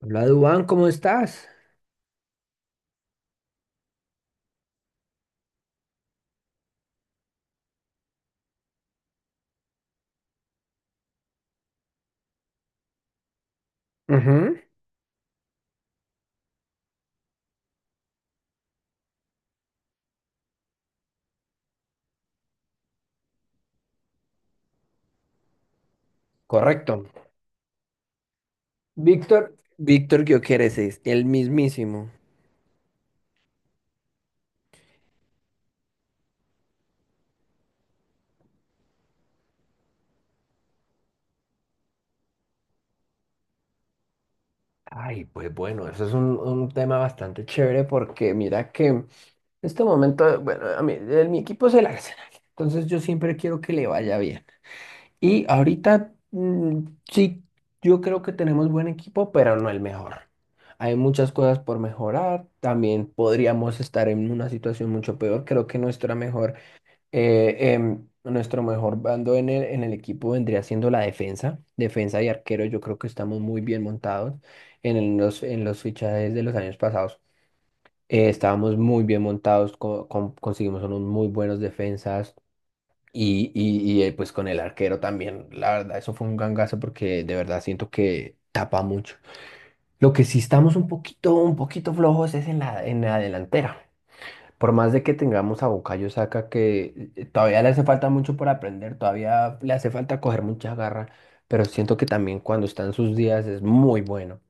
Hola, Dubán, ¿cómo estás? Ujú. Correcto. Víctor, Víctor Gioqueres es el mismísimo. Ay, pues bueno, eso es un tema bastante chévere porque mira que en este momento, bueno, a mí, mi equipo es el Arsenal, entonces yo siempre quiero que le vaya bien. Y ahorita, mm, sí, yo creo que tenemos buen equipo, pero no el mejor. Hay muchas cosas por mejorar, también podríamos estar en una situación mucho peor, creo que nuestra mejor nuestro mejor bando en el equipo vendría siendo la defensa. Defensa y arquero, yo creo que estamos muy bien montados. En los fichajes de los años pasados, estábamos muy bien montados, conseguimos unos muy buenos defensas. Y pues con el arquero también, la verdad, eso fue un gangazo porque de verdad siento que tapa mucho. Lo que sí estamos un poquito flojos es en la delantera. Por más de que tengamos a Bukayo Saka, que todavía le hace falta mucho por aprender, todavía le hace falta coger mucha garra, pero siento que también cuando está en sus días es muy bueno.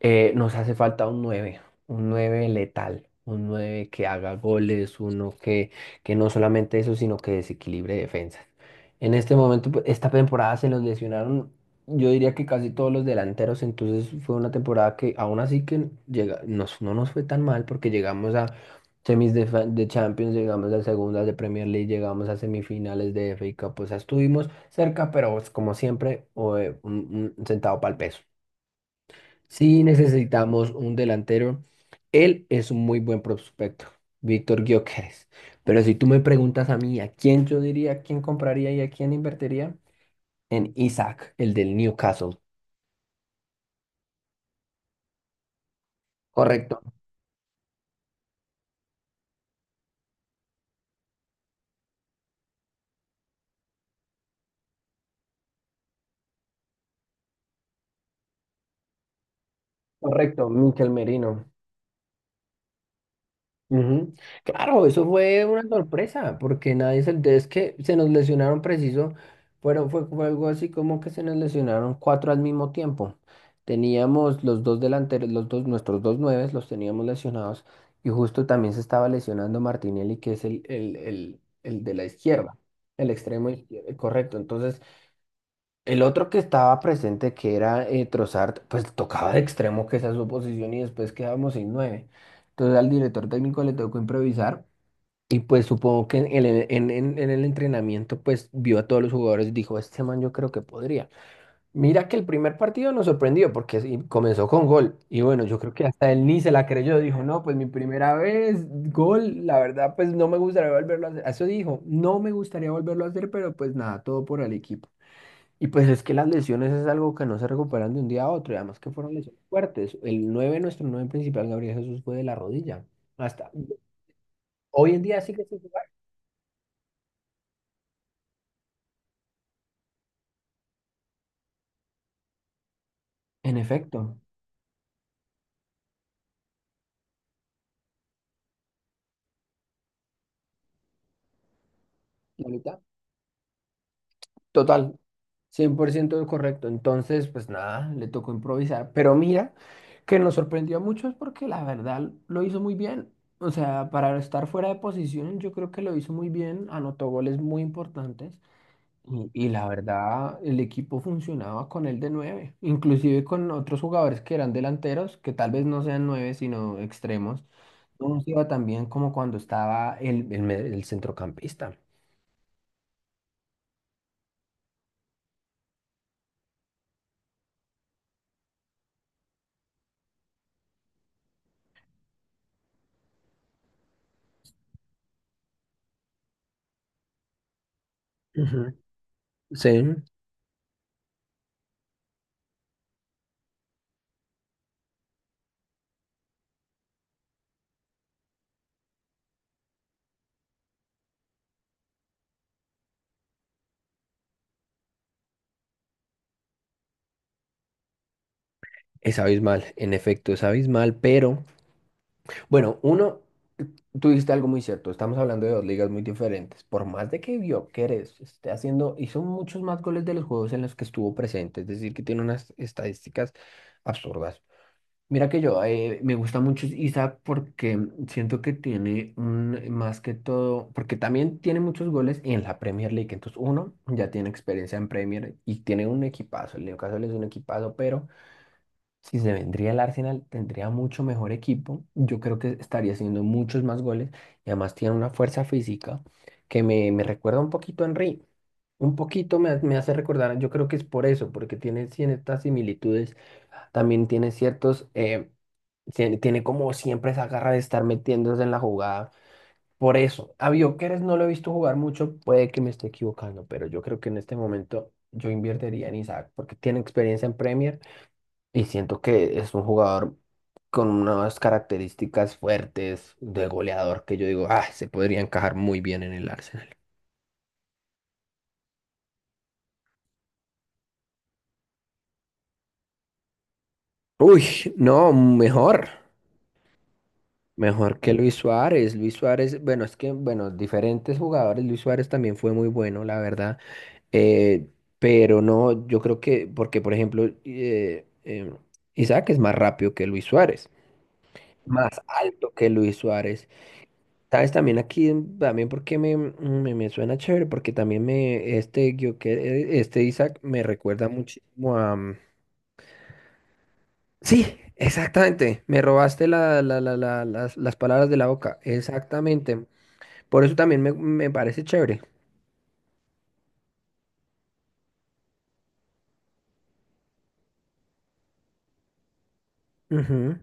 Nos hace falta un 9 letal, un 9 que haga goles, que no solamente eso, sino que desequilibre defensas. En este momento, pues, esta temporada se nos lesionaron, yo diría que casi todos los delanteros, entonces fue una temporada que aún así que llega, no nos fue tan mal porque llegamos a semis de Champions, llegamos a segundas de Premier League, llegamos a semifinales de FA Cup. O sea, estuvimos cerca, pero pues, como siempre, un centavo para el peso. Sí necesitamos un delantero. Él es un muy buen prospecto, Víctor Gyökeres. Pero si tú me preguntas a mí, ¿a quién yo diría, quién compraría y a quién invertiría? En Isaac, el del Newcastle. Correcto. Mikel Merino. Ujú. Claro, eso fue una sorpresa, porque nadie se es que se nos lesionaron preciso, fue algo así como que se nos lesionaron cuatro al mismo tiempo. Teníamos los dos delanteros, nuestros dos nueves los teníamos lesionados, y justo también se estaba lesionando Martinelli, que es el de la izquierda, el extremo izquierdo, correcto. Entonces, el otro que estaba presente, que era Trossard, pues tocaba de extremo, que esa es su posición, y después quedábamos sin nueve. Entonces al director técnico le tocó improvisar, y pues supongo que en el entrenamiento, pues vio a todos los jugadores y dijo, este man yo creo que podría. Mira que el primer partido nos sorprendió, porque sí, comenzó con gol, y bueno, yo creo que hasta él ni se la creyó, dijo, no, pues mi primera vez, gol, la verdad, pues no me gustaría volverlo a hacer. Eso dijo, no me gustaría volverlo a hacer, pero pues nada, todo por el equipo. Y pues es que las lesiones es algo que no se recuperan de un día a otro, y además que fueron lesiones fuertes. El 9 Nuestro 9 principal, Gabriel Jesús, fue de la rodilla. Hasta hoy en día sigue sin jugar. En efecto, la mitad. Total, 100% correcto. Entonces, pues nada, le tocó improvisar. Pero mira, que nos sorprendió a muchos porque la verdad lo hizo muy bien. O sea, para estar fuera de posición, yo creo que lo hizo muy bien. Anotó goles muy importantes. Y la verdad, el equipo funcionaba con él de nueve, inclusive con otros jugadores que eran delanteros, que tal vez no sean nueve, sino extremos. No nos iba tan bien como cuando estaba el centrocampista. Ujú. Sí, es abismal, en efecto, es abismal, pero bueno, uno, tú dijiste algo muy cierto, estamos hablando de dos ligas muy diferentes, por más de que Gyökeres esté haciendo, hizo muchos más goles de los juegos en los que estuvo presente, es decir, que tiene unas estadísticas absurdas. Mira que yo me gusta mucho Isaac porque siento que tiene más que todo, porque también tiene muchos goles en la Premier League. Entonces, uno ya tiene experiencia en Premier y tiene un equipazo. El Newcastle es un equipazo, pero si se vendría el Arsenal, tendría mucho mejor equipo. Yo creo que estaría haciendo muchos más goles y además tiene una fuerza física que me recuerda un poquito a Henry. Un poquito me, ha- Me hace recordar, yo creo que es por eso, porque tiene ciertas similitudes también tiene tiene como siempre esa garra de estar metiéndose en la jugada. Por eso, a Bioqueres no lo he visto jugar mucho, puede que me esté equivocando, pero yo creo que en este momento yo invertiría en Isaac porque tiene experiencia en Premier y siento que es un jugador con unas características fuertes de goleador que yo digo, ah, se podría encajar muy bien en el Arsenal. Uy, no, mejor. Mejor que Luis Suárez. Luis Suárez, bueno, es que, bueno, diferentes jugadores. Luis Suárez también fue muy bueno, la verdad. eh, pero no, yo creo que, porque por ejemplo, Isaac es más rápido que Luis Suárez, más alto que Luis Suárez. ¿Sabes? También aquí, también porque me suena chévere, porque también me, este, yo, que, este Isaac me recuerda muchísimo a... mm, sí, exactamente. Me robaste las palabras de la boca. Exactamente. Por eso también me parece chévere. Ujú,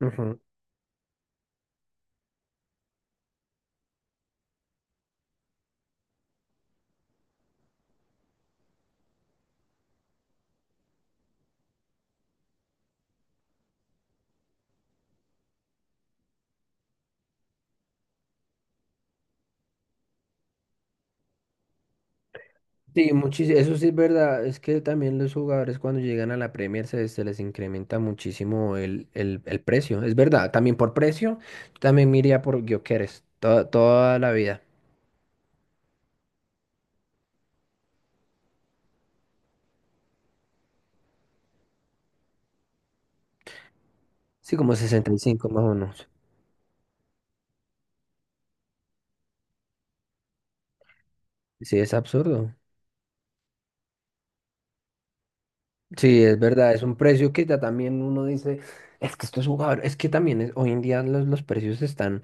ujú. Sí, muchísimo, eso sí es verdad, es que también los jugadores cuando llegan a la Premier se les incrementa muchísimo el precio, es verdad, también por precio, también me iría por Gyökeres, toda la vida, sí, como sesenta y cinco más o menos, sí, es absurdo, sí, es verdad, es un precio que ya también uno dice, es que estos jugadores, es que también hoy en día los precios están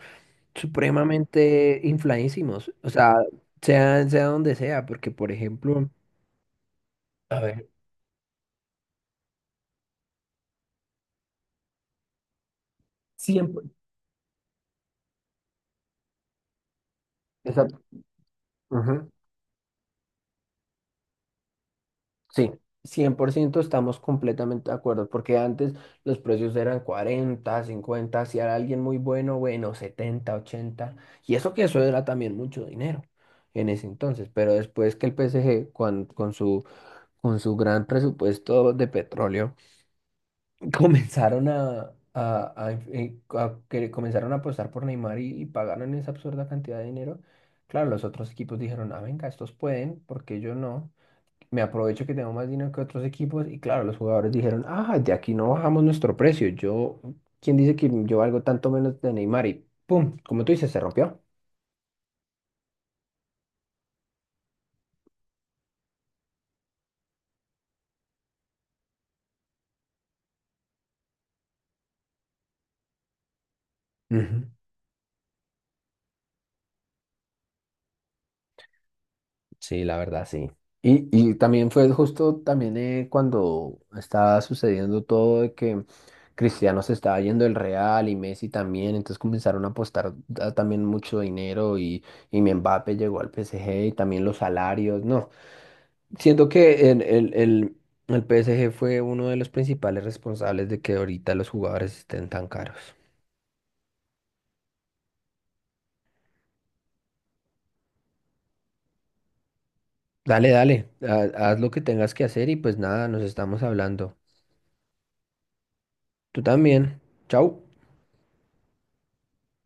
supremamente infladísimos. O sea, sea donde sea, porque por ejemplo, a ver, 100, esa- ujú, sí, 100% estamos completamente de acuerdo, porque antes los precios eran 40, 50, si era alguien muy bueno, bueno, 70, 80, y eso que eso era también mucho dinero en ese entonces, pero después que el PSG con su gran presupuesto de petróleo comenzaron a inf- a que comenzaron a apostar por Neymar y pagaron esa absurda cantidad de dinero. Claro, los otros equipos dijeron, ah, venga, estos pueden, ¿porque yo no? Me aprovecho que tengo más dinero que otros equipos. Y claro, los jugadores dijeron, ah, de aquí no bajamos nuestro precio. Yo, ¿quién dice que yo valgo tanto menos de Neymar? Y pum, como tú dices, se rompió. Ujú. Sí, la verdad, sí. Y también fue justo también cuando estaba sucediendo todo de que Cristiano se estaba yendo del Real y Messi también, entonces comenzaron a apostar ah, también mucho dinero y mi Mbappé llegó al PSG y también los salarios, no. Siento que el PSG fue uno de los principales responsables de que ahorita los jugadores estén tan caros. Dale, dale, haz lo que tengas que hacer y pues nada, nos estamos hablando. Tú también. Chau.